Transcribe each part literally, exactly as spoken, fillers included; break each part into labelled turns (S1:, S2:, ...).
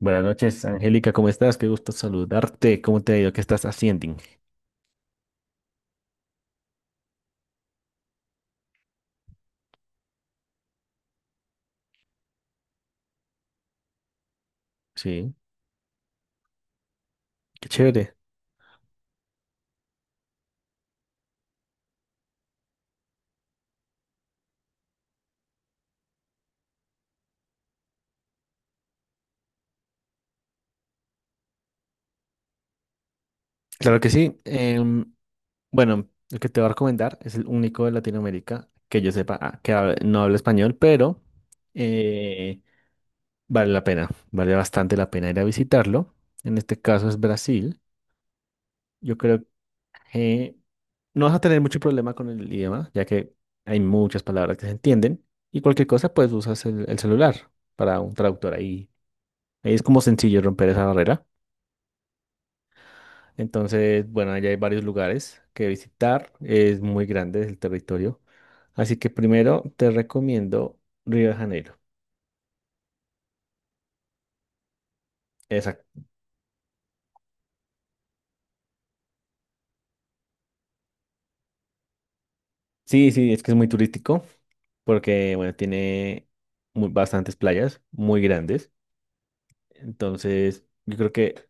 S1: Buenas noches, Angélica, ¿cómo estás? Qué gusto saludarte. ¿Cómo te ha ido? ¿Qué estás haciendo? Sí, qué chévere. Claro que sí. Em, bueno, el que te voy a recomendar es el único de Latinoamérica que yo sepa ah, que hable- no habla español, pero eh, vale la pena, vale bastante la pena ir a visitarlo. En este caso es Brasil. Yo creo que no vas a tener mucho problema con el idioma, ya que hay muchas palabras que se entienden y cualquier cosa, pues usas el el celular para un traductor ahí. Es como sencillo romper esa barrera. Entonces, bueno, allá hay varios lugares que visitar. Es muy grande el territorio. Así que primero te recomiendo Río de Janeiro. Exacto. Sí, sí, es que es muy turístico porque, bueno, tiene mu- bastantes playas muy grandes. Entonces, yo creo que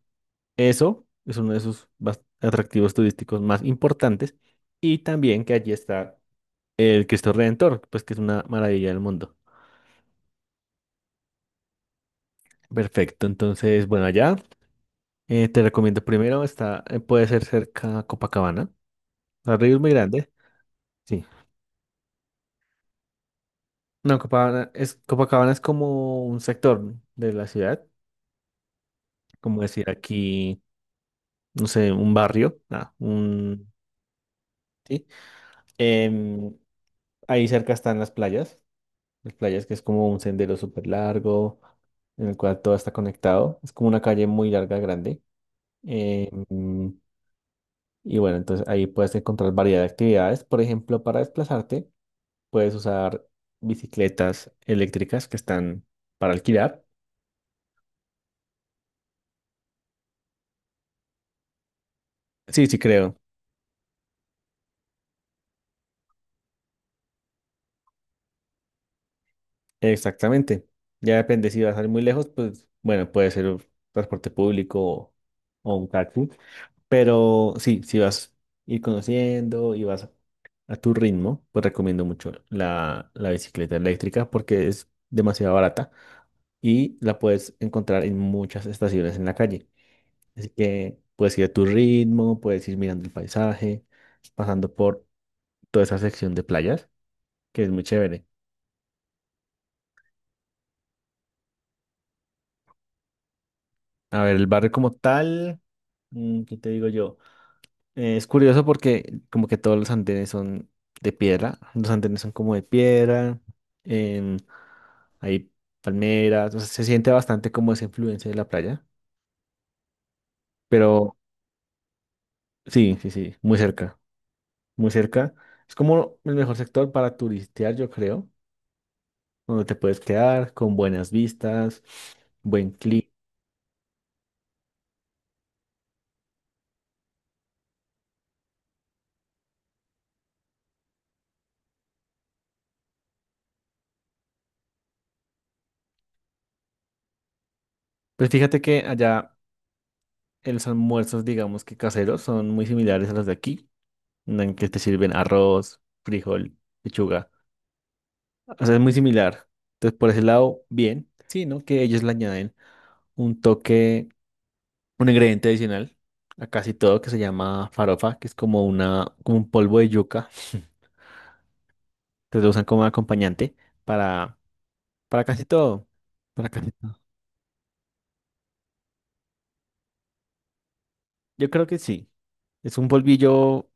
S1: eso es uno de sus bas- atractivos turísticos más importantes. Y también que allí está el Cristo Redentor, pues que es una maravilla del mundo. Perfecto, entonces, bueno, allá. Eh, te recomiendo primero, está, eh, puede ser cerca a Copacabana. El río es muy grande. Sí. No, Copacabana es, Copacabana es como un sector de la ciudad, como decir aquí, no sé, un barrio, ah, un... Sí. Em, Ahí cerca están las playas, las playas que es como un sendero súper largo, en el cual todo está conectado. Es como una calle muy larga, grande. Em, y bueno, entonces ahí puedes encontrar variedad de actividades. Por ejemplo, para desplazarte. Puedes usar bicicletas eléctricas que están para alquilar. Sí, sí, creo. Exactamente. Ya depende si vas a ir muy lejos, pues bueno, puede ser un transporte público o, o un taxi. Pero sí, si vas a ir conociendo y vas a tu ritmo, pues recomiendo mucho la, la bicicleta eléctrica porque es demasiado barata y la puedes encontrar en muchas estaciones en la calle. Así que puedes ir a tu ritmo, puedes ir mirando el paisaje, pasando por toda esa sección de playas, que es muy chévere. A ver, el barrio como tal, mm, ¿qué te digo yo? Eh, es curioso porque como que todos los andenes son de piedra, los andenes son como de piedra, em, hay palmeras, o sea, se siente bastante como esa influencia de la playa, pero sí, sí, sí, muy cerca, muy cerca. Es como el mejor sector para turistear, yo creo, donde te puedes quedar con buenas vistas, buen clima. Pues fíjate que allá los almuerzos, digamos que caseros, son muy similares a los de aquí, en que te sirven arroz, frijol, lechuga. O sea, es muy similar. Entonces, por ese lado, bien, sí, ¿no? Que ellos le añaden un toque, un ingrediente adicional a casi todo que se llama farofa, que es como una, como un polvo de yuca. Entonces lo usan como acompañante para, para casi todo. Para casi todo. Yo creo que sí. Es un polvillo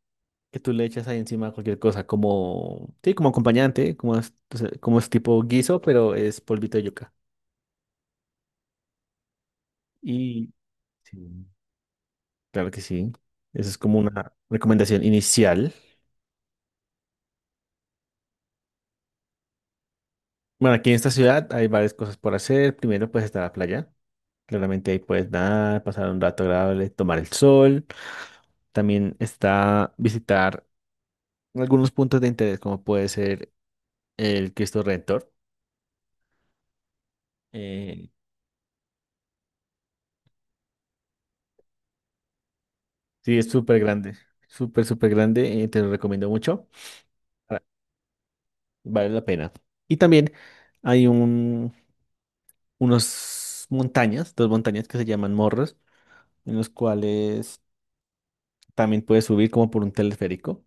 S1: que tú le echas ahí encima a cualquier cosa, como, sí, como acompañante, como es, o sea, como es tipo guiso, pero es polvito de yuca. Y sí, claro que sí. Esa es como una recomendación inicial. Bueno, aquí en esta ciudad hay varias cosas por hacer. Primero, pues está la playa. Claramente ahí puedes nadar, pasar un rato agradable, tomar el sol. También está visitar algunos puntos de interés, como puede ser el Cristo Redentor. Eh, Sí, es súper grande, súper, súper grande, eh, te lo recomiendo mucho, ah, vale la pena. Y también hay un, unos montañas, dos montañas que se llaman morros, en los cuales también puedes subir como por un teleférico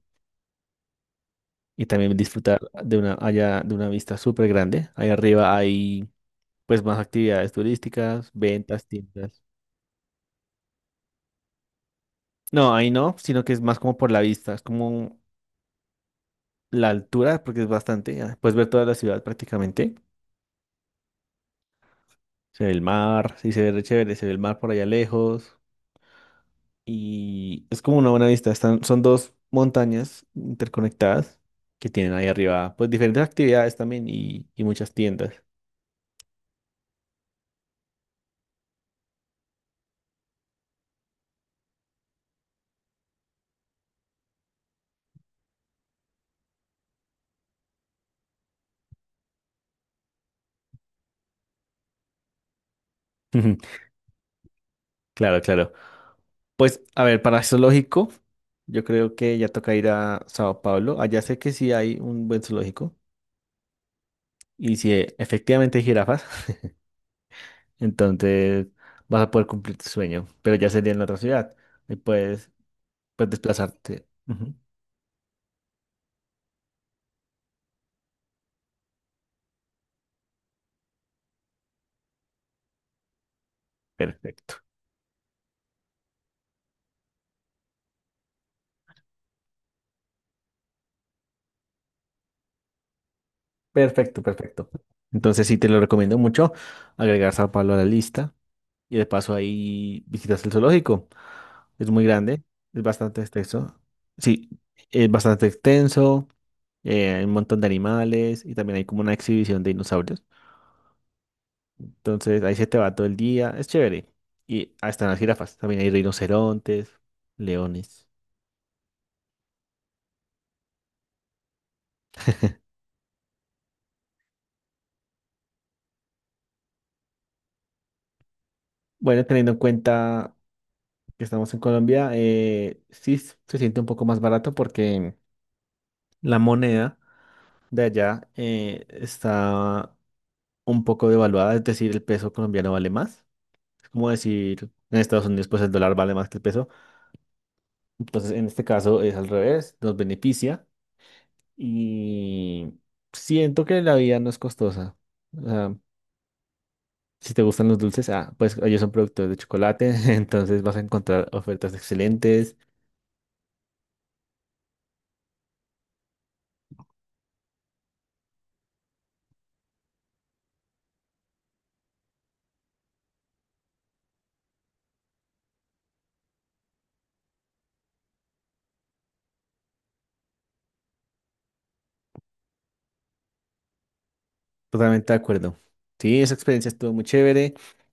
S1: y también disfrutar de una, allá, de una vista súper grande. Ahí arriba hay pues más actividades turísticas, ventas, tiendas. No, ahí no, sino que es más como por la vista, es como la altura, porque es bastante, ah, puedes ver toda la ciudad prácticamente. Se ve el mar, sí, se ve re chévere, se ve el mar por allá lejos. Y es como una buena vista. Están, son dos montañas interconectadas que tienen ahí arriba, pues diferentes actividades también y, y muchas tiendas. Ujú. Claro, claro. Pues, a ver, para zoológico, yo creo que ya toca ir a Sao Paulo. Allá sé que sí hay un buen zoológico y si eh, efectivamente hay jirafas, entonces vas a poder cumplir tu sueño, pero ya sería en la otra ciudad y puedes, puedes desplazarte. Ujú. Perfecto. Perfecto, perfecto. Entonces sí te lo recomiendo mucho agregar Sao Paulo a la lista y de paso ahí visitas el zoológico. Es muy grande, es bastante extenso. Sí, es bastante extenso, eh, hay un montón de animales y también hay como una exhibición de dinosaurios. Entonces ahí se te va todo el día, es chévere. Y ahí están las jirafas, también hay rinocerontes, leones. Bueno, teniendo en cuenta que estamos en Colombia, eh, sí se siente un poco más barato porque la moneda de allá eh, está un poco devaluada, es decir, el peso colombiano vale más. Es como decir, en Estados Unidos pues el dólar vale más que el peso. Entonces, en este caso es al revés, nos beneficia y siento que la vida no es costosa. O sea, si te gustan los dulces, ah, pues ellos son productores de chocolate, entonces vas a encontrar ofertas excelentes. Totalmente de acuerdo. Sí, esa experiencia estuvo muy chévere,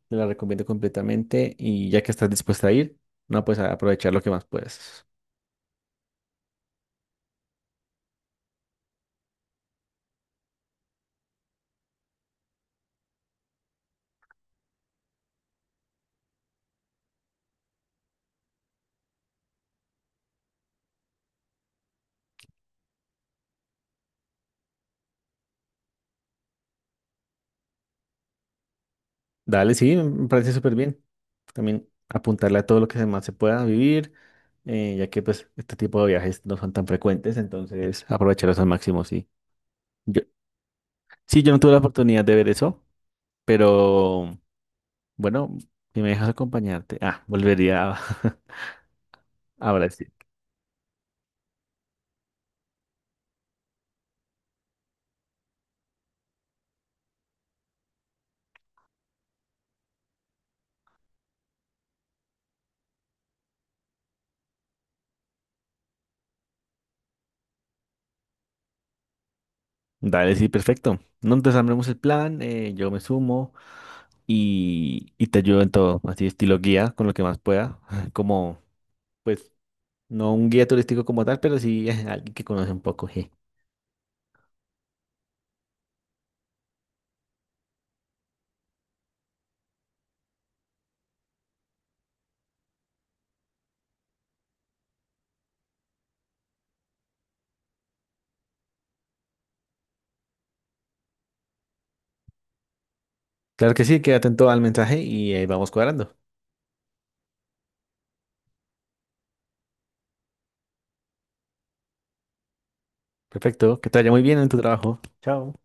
S1: te la recomiendo completamente y ya que estás dispuesta a ir, no, pues a aprovechar lo que más puedes. Dale, sí, me parece súper bien. También apuntarle a todo lo que más se pueda vivir, eh, ya que pues este tipo de viajes no son tan frecuentes, entonces aprovecharlos al máximo, sí. Yo, sí, yo no tuve la oportunidad de ver eso, pero bueno, si me dejas acompañarte, ah, volvería a, a Brasil. Dale, sí, perfecto. No, entonces armemos el plan, eh, yo me sumo y, y te ayudo en todo, así estilo guía, con lo que más pueda, como pues... No un guía turístico como tal, pero sí alguien que conoce un poco. Claro que sí, quédate atento al mensaje y ahí vamos cuadrando. Perfecto, que te vaya muy bien en tu trabajo. Chao.